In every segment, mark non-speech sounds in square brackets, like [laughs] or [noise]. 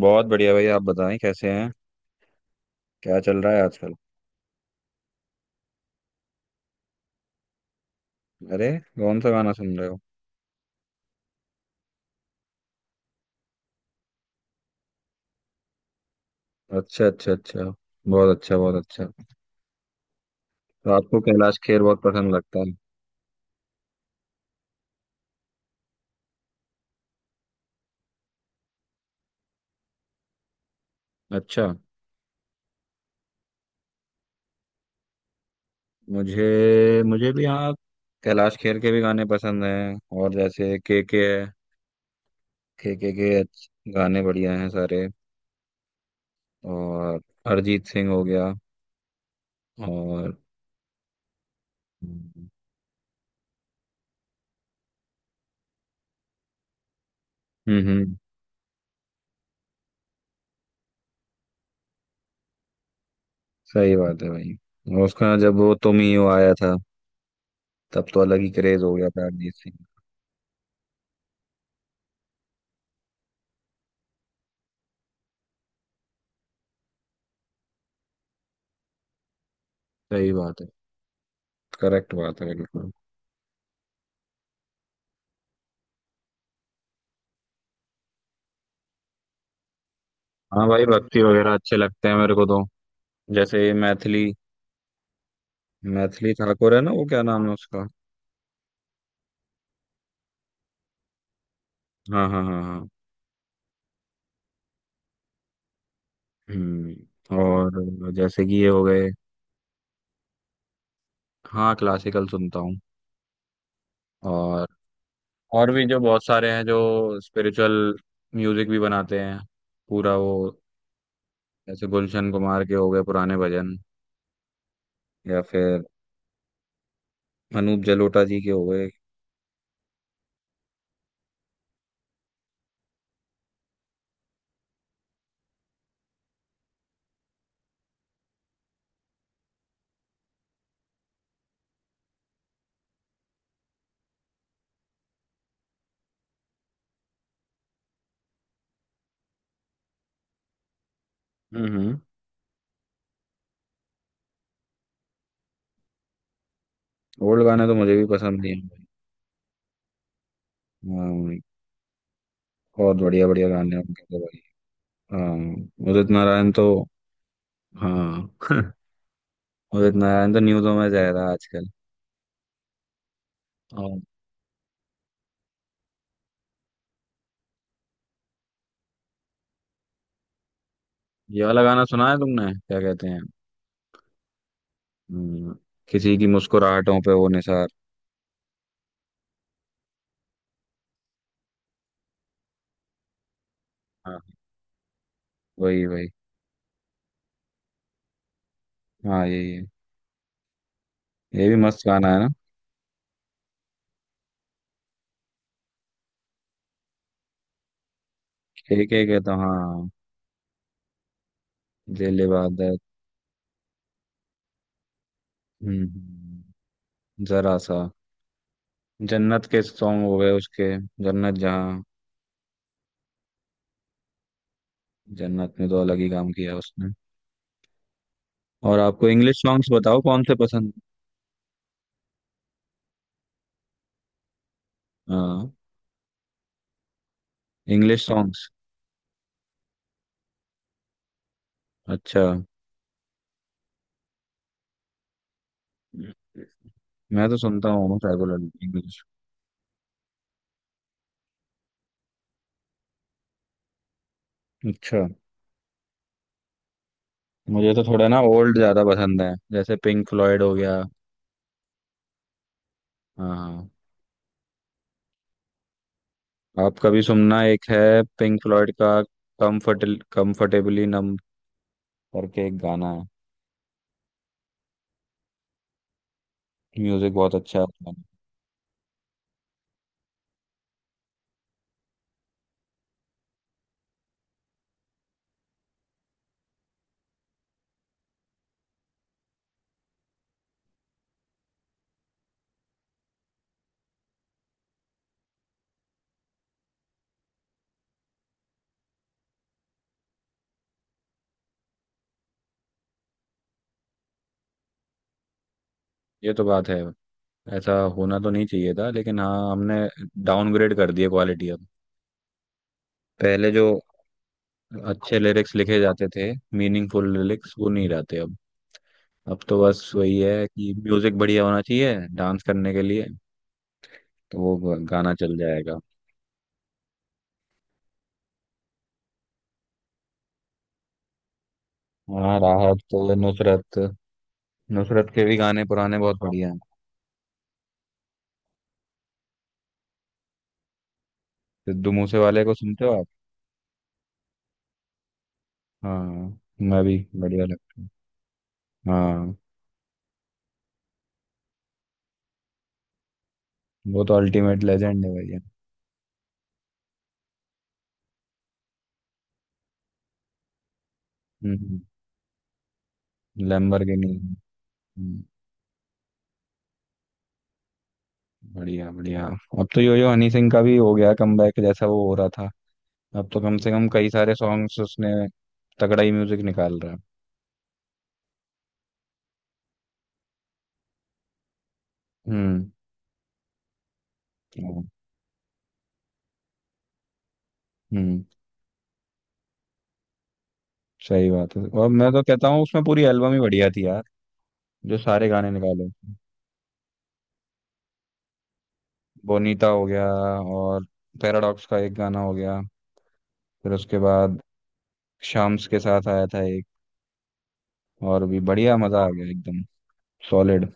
बहुत बढ़िया भाई, आप बताएं कैसे हैं। क्या चल रहा है आजकल। अरे, कौन सा गाना सुन रहे हो। अच्छा अच्छा अच्छा। बहुत अच्छा, बहुत अच्छा। तो आपको कैलाश खेर बहुत पसंद लगता है। अच्छा। मुझे मुझे भी हाँ, कैलाश खेर के भी गाने पसंद हैं, और जैसे के है। के अच्छे- गाने बढ़िया हैं सारे। और अरिजीत सिंह हो गया। और हम्म। हम्म, सही बात है भाई। और उसका जब वो तुम ही हो आया था, तब तो अलग ही क्रेज हो गया था अरिजीत सिंह। सही बात है। करेक्ट बात है बिल्कुल। हाँ भाई, भक्ति वगैरह अच्छे लगते हैं मेरे को तो। जैसे ये मैथिली। मैथिली ठाकुर है ना, वो क्या नाम है उसका। हाँ हाँ हाँ हाँ। हम्म, और जैसे कि ये हो गए। हाँ, क्लासिकल सुनता हूँ। और और भी जो बहुत सारे हैं जो स्पिरिचुअल म्यूजिक भी बनाते हैं पूरा वो। जैसे गुलशन कुमार के हो गए पुराने भजन। या फिर अनूप जलोटा जी के हो गए। हम्म। ओल्ड गाने तो मुझे भी पसंद नहीं है। हाँ, बहुत बढ़िया बढ़िया गाने हैं उनके तो। हाँ, उदित नारायण तो, हाँ [laughs] उदित नारायण तो न्यूज़ों में जा रहा है आजकल। और ये वाला गाना सुना है तुमने, क्या कहते हैं। हम्म, किसी की मुस्कुराहटों पे वो निसार। हाँ, वही वही। हाँ, यही है। ये भी मस्त गाना है ना। एक एक है तो हाँ, दिल इबादत। हम्म हम्म, जरा सा। जन्नत के सॉन्ग हो गए उसके। जन्नत जहाँ। जन्नत में तो अलग ही काम किया उसने। और आपको इंग्लिश सॉन्ग्स बताओ कौन से पसंद। हाँ, इंग्लिश सॉन्ग्स। अच्छा, मैं तो सुनता हूँ रेगुलर इंग्लिश। अच्छा, मुझे तो थोड़ा ना ओल्ड ज्यादा पसंद है, जैसे पिंक फ्लॉयड हो गया। हाँ, आप कभी सुनना एक है पिंक फ्लॉयड का, कम्फर्ट, कंफर्टेबली नम करके एक गाना है। म्यूजिक बहुत अच्छा है उसका। ये तो बात है। ऐसा होना तो नहीं चाहिए था, लेकिन हाँ, हमने डाउनग्रेड कर दिया क्वालिटी अब। पहले जो अच्छे लिरिक्स लिखे जाते थे, मीनिंगफुल लिरिक्स, वो नहीं रहते अब। अब तो बस वही है कि म्यूजिक बढ़िया होना चाहिए डांस करने के लिए, तो वो गाना चल जाएगा। हाँ, राहत तो, नुसरत, नुसरत के भी गाने पुराने बहुत हाँ बढ़िया हैं। सिद्धू मूसे वाले को सुनते हो आप। हाँ, मैं भी बढ़िया लगता है। हाँ। वो तो अल्टीमेट लेजेंड है भैया। हम्म, लैम्बोर्गिनी। हम्म, बढ़िया बढ़िया। अब तो यो यो हनी सिंह का भी हो गया कमबैक, जैसा वो हो रहा था। अब तो कम से कम कई सारे सॉन्ग्स उसने तगड़ा ही म्यूजिक निकाल रहा है। हम्म। हाँ, हम्म, सही बात है। और मैं तो कहता हूँ उसमें पूरी एल्बम ही बढ़िया थी यार, जो सारे गाने निकाले। बोनीता हो गया, और पैराडॉक्स का एक गाना हो गया, फिर उसके बाद शाम्स के साथ आया था एक और भी, बढ़िया मजा आ गया एकदम। सॉलिड।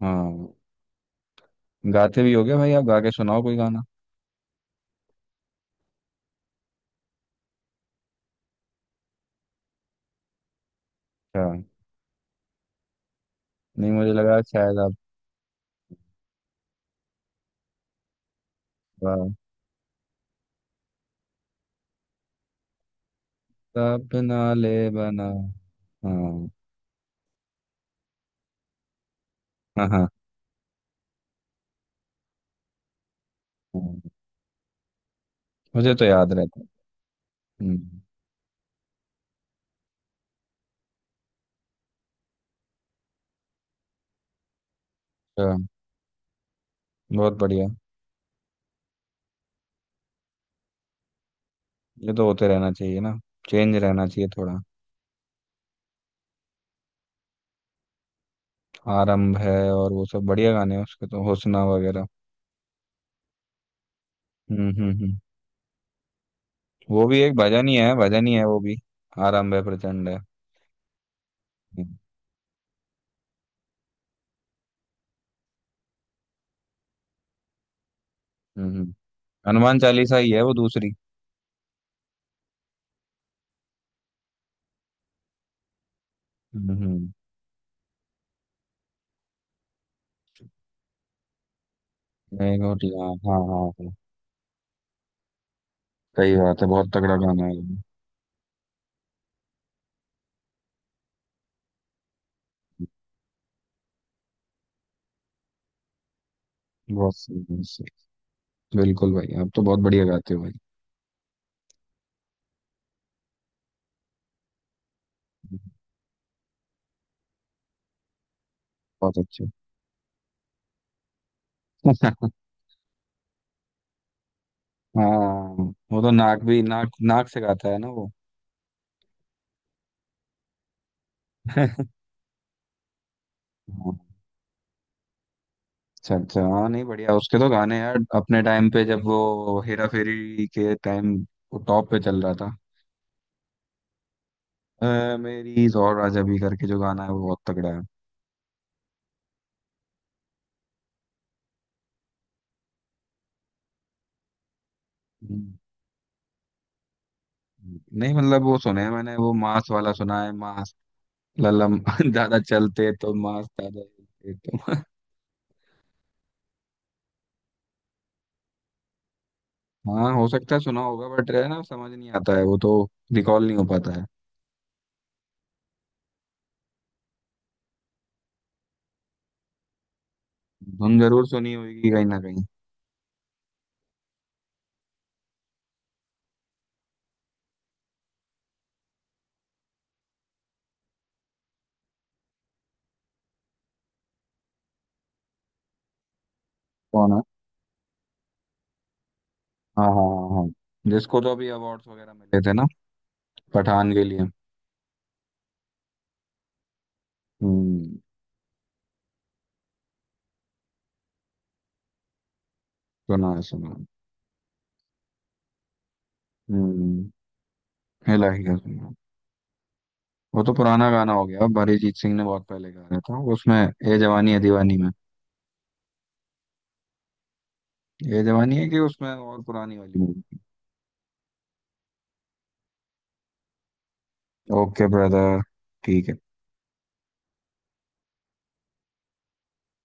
हाँ, गाते भी हो गया भाई, आप गा के सुनाओ कोई गाना। अच्छा, नहीं मुझे लगा शायद आप गा-। अपना ले, बना। हाँ हाँ हाँ हाँ। मुझे तो याद रहता है। हम्म। अच्छा, बहुत बढ़िया। ये तो होते रहना चाहिए ना, चेंज रहना चाहिए थोड़ा। आरंभ है, और वो सब बढ़िया गाने हैं उसके, तो हुस्ना वगैरह। हम्म। वो भी एक भजन ही है, भजन ही है वो भी। आरंभ है प्रचंड है। हम्म। हम्म। हनुमान चालीसा ही है वो दूसरी। हम्म, एक और हाँ हाँ हाँ हाँ। सही बात है, बहुत तगड़ा गाना है ये। बहुत सही, बहुत सही। बिल्कुल भाई, आप तो बहुत बढ़िया गाते हो भाई। बहुत अच्छे [laughs] हाँ, वो तो नाक भी, नाक नाक से गाता है ना वो। [laughs] हाँ, अच्छा अच्छा। हाँ, नहीं बढ़िया उसके तो गाने यार अपने टाइम पे, जब वो हेरा फेरी के टाइम वो टॉप पे चल रहा था। मेरी और राजा भी करके जो गाना है वो बहुत तगड़ा है। हम्म, नहीं मतलब वो सुने हैं मैंने, वो मांस वाला सुना है। मांस ललम [laughs] ज्यादा चलते तो मांस, ज्यादा हिलते तो। हाँ, हो सकता है सुना होगा, बट है ना, समझ नहीं आता है वो तो। रिकॉल नहीं हो पाता है। धुन जरूर सुनी होगी कहीं ना कहीं। कौन है। हाँ हाँ हाँ हाँ। जिसको तो अभी अवार्ड्स वगैरह मिले थे ना, पठान के लिए। हम्म। सुना है, सुना है। हम्म, इलाही का सुना है। वो तो पुराना गाना हो गया अब, अरिजीत सिंह ने बहुत पहले गाया था उसमें, ए जवानी है दीवानी में। ए जवानी है कि उसमें, और पुरानी वाली मूवी। ओके ब्रदर, ठीक है।